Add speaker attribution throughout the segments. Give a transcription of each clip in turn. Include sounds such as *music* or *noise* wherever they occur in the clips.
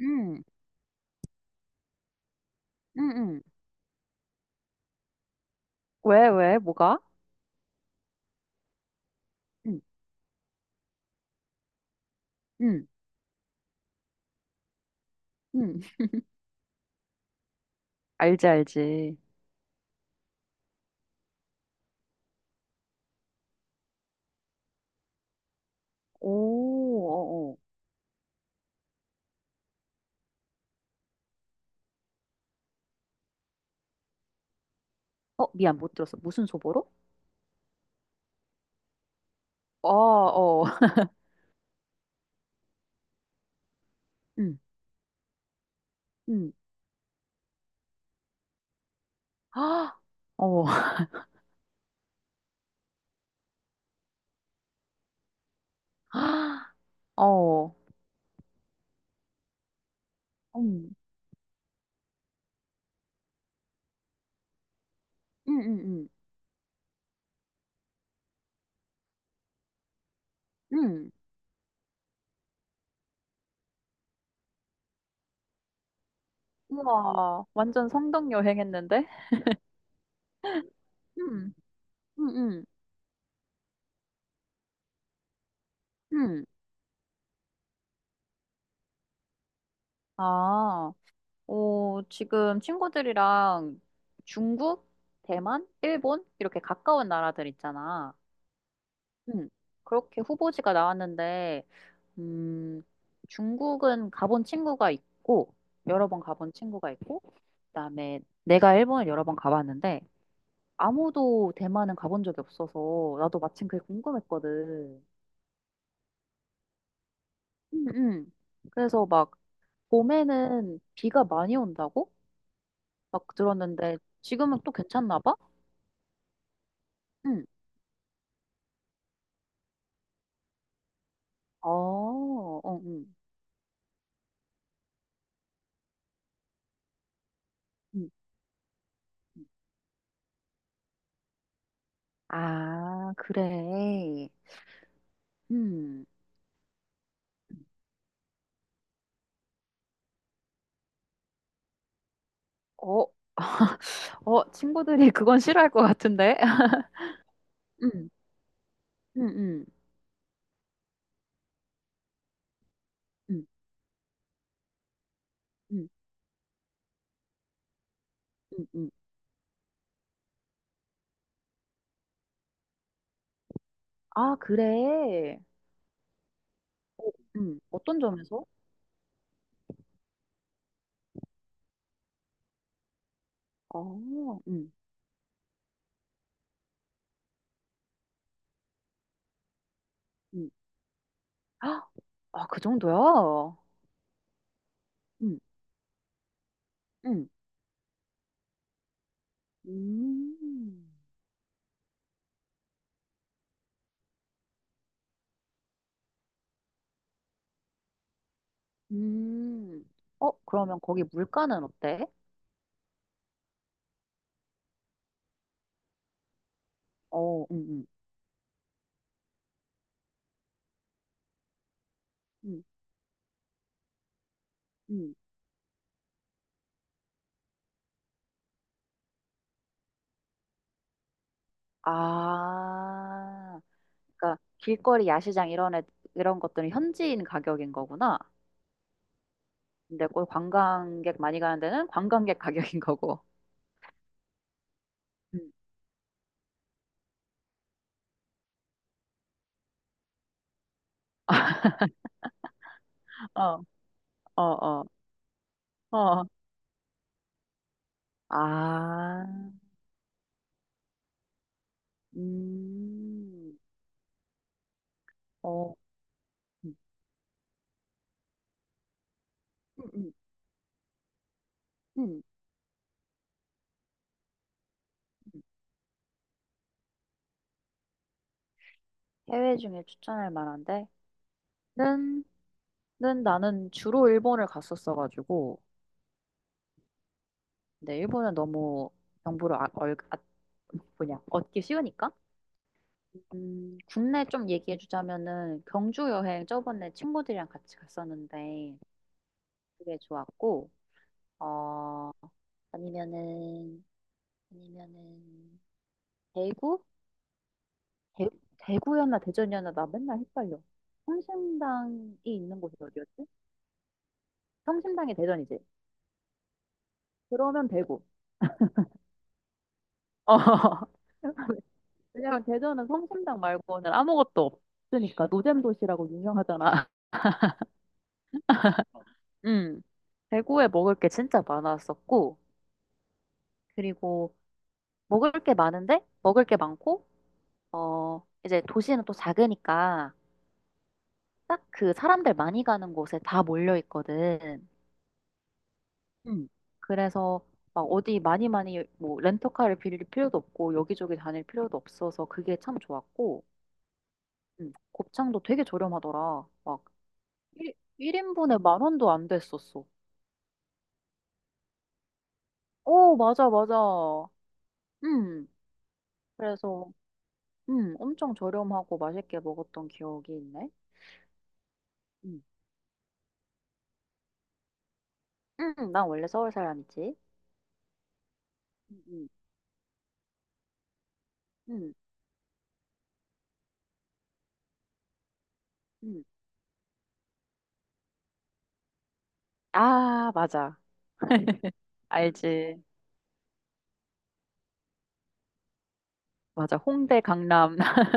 Speaker 1: 응, 응, 응. 왜, 왜, 뭐가? 응, 응, 응. 알지, 알지. 오, 어, 어. 어, 미안, 못 들었어. 무슨 소보로? 어, 어. *laughs* 응, 응, *gasps* 아, 어, 아, 어. 응, 응, 응, 응, 응. 우와, 완전 성덕 여행했는데? 응, 응, 응, 응. 아, 오, 지금 친구들이랑 중국, 대만, 일본 이렇게 가까운 나라들 있잖아. 음, 그렇게 후보지가 나왔는데, 음, 중국은 가본 친구가 있고, 여러 번 가본 친구가 있고, 그다음에 내가 일본을 여러 번 가봤는데, 아무도 대만은 가본 적이 없어서, 나도 마침 그게 궁금했거든. 음, 음. 그래서 막, 봄에는 비가 많이 온다고? 막 들었는데, 지금은 또 괜찮나 봐? 응. 어, 어, 응. 응. 아, 그래. 음. 어, 어, 친구들이 그건 싫어할 것 같은데? *laughs* 응, 응, 응, 응, 응, 응, 응. 아, 그래. 어, 응, 어떤 점에서? 아, 응, 응, 아, 아, 그 정도야? 응, 응. 음, 음. 어, 그러면 거기 물가는 어때? 어, 응, 응, 응, 응. 아, 그러니까 길거리 야시장 이런 애, 이런 것들은 현지인 가격인 거구나. 근데 꼭 관광객 많이 가는 데는 관광객 가격인 거고. 음. 어, 어, 어, 어. 아, 음, 어, 음, 음, 음. 음. 음. 해외 중에 추천할 만한데? 는, 는 나는 주로 일본을 갔었어가지고. 근데 일본은 너무 정보를 얻기 쉬우니까? 국내 좀 얘기해주자면은 경주 여행 저번에 친구들이랑 같이 갔었는데 그게 좋았고, 어, 아니면은 아니면은 대구? 대, 대구였나 대전이었나 나 맨날 헷갈려. 성심당이 있는 곳이 어디였지? 성심당이 대전이지. 그러면 대구. 어. *laughs* 왜냐면 대전은 성심당 말고는 아무것도 없으니까 노잼 도시라고 유명하잖아. *laughs* 음. 대구에 먹을 게 진짜 많았었고 그리고 먹을 게 많은데 먹을 게 많고 어 이제 도시는 또 작으니까 딱 그 사람들 많이 가는 곳에 다 몰려 있거든. 음. 그래서 막 어디 많이 많이 뭐 렌터카를 빌릴 필요도 없고 여기저기 다닐 필요도 없어서 그게 참 좋았고 곱창도 되게 저렴하더라. 막 1, 일인분에만 원도 안 됐었어. 오, 맞아, 맞아. 음, 그래서 엄청 저렴하고 맛있게 먹었던 기억이 있네. 음. 난 원래 서울 사람이지. 음. 음. 음, 음. 아, 맞아. *laughs* 알지. 맞아. 홍대, 강남. *laughs*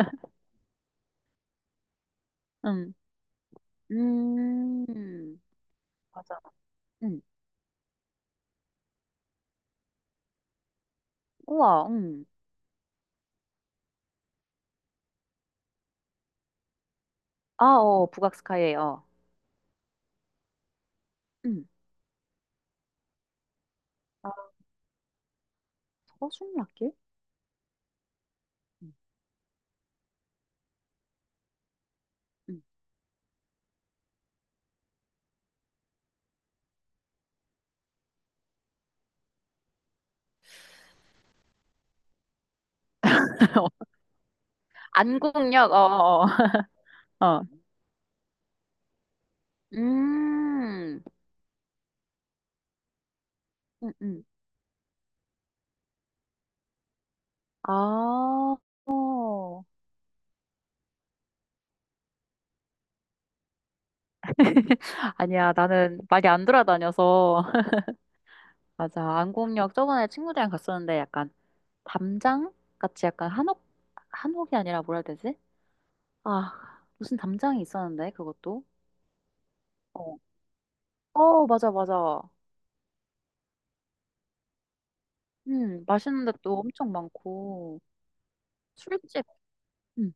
Speaker 1: 음. 음. 맞아. 응. 우와, 응. 아, 어, 북악스카이, 어. 응. 아, 서순례길? 응. 응. *laughs* 안국역, 어, 어, 어. 어. 음, 응. 응. 아, 어. *laughs* 아니야, 나는 많이 안 돌아다녀서. *laughs* 맞아, 안국역 저번에 친구들이랑 갔었는데 약간 담장 같이 약간 한옥, 한옥이 아니라 뭐라 해야 되지? 아, 무슨 담장이 있었는데, 그것도? 어, 어, 맞아, 맞아. 맛있는 데도 엄청 많고, 술집, 음,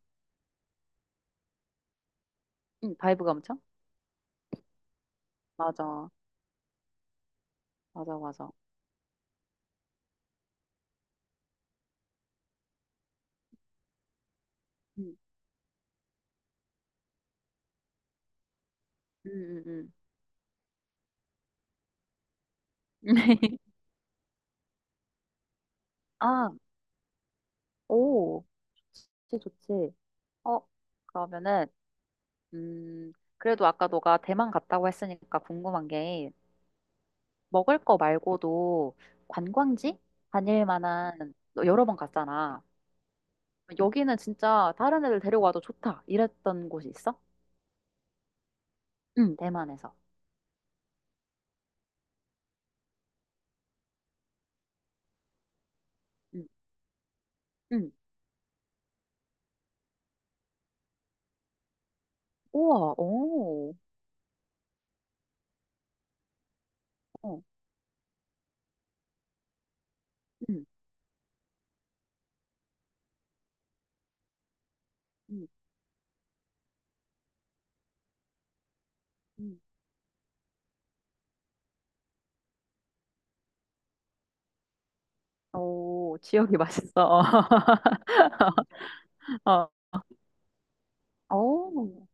Speaker 1: 바이브가 엄청? 맞아, 맞아, 맞아. 음, 음, 음, 음. *laughs* 아, 오, 좋지, 좋지. 어, 그러면은, 음, 그래도 아까 너가 대만 갔다고 했으니까 궁금한 게, 먹을 거 말고도 관광지? 다닐 만한, 너 여러 번 갔잖아. 여기는 진짜 다른 애들 데려와도 좋다. 이랬던 곳이 있어? 응, 대만에서. 응, 응. 우와, 오. 어. 음, 음, 음. 오, 지역이 맛있어. *laughs* 어, 어, 오,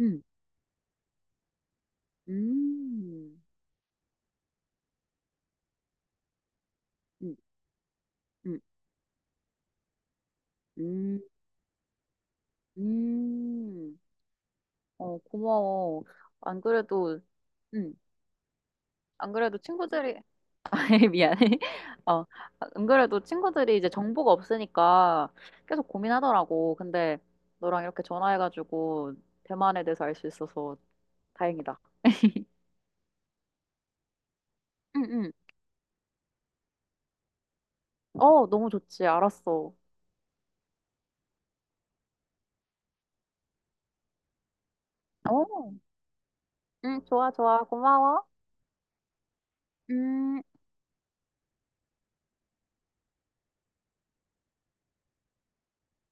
Speaker 1: 음, 음, 음, 음, 음, 음. 어, 고마워. 안 그래도, 음, 안 그래도 친구들이, *laughs* 미안해. 어, 안 그래도 친구들이 이제 정보가 없으니까 계속 고민하더라고. 근데 너랑 이렇게 전화해가지고 대만에 대해서 알 수 있어서 다행이다. 응, 응. 어, 너무 좋지. 알았어. 어. 응, 좋아, 좋아. 고마워. 음.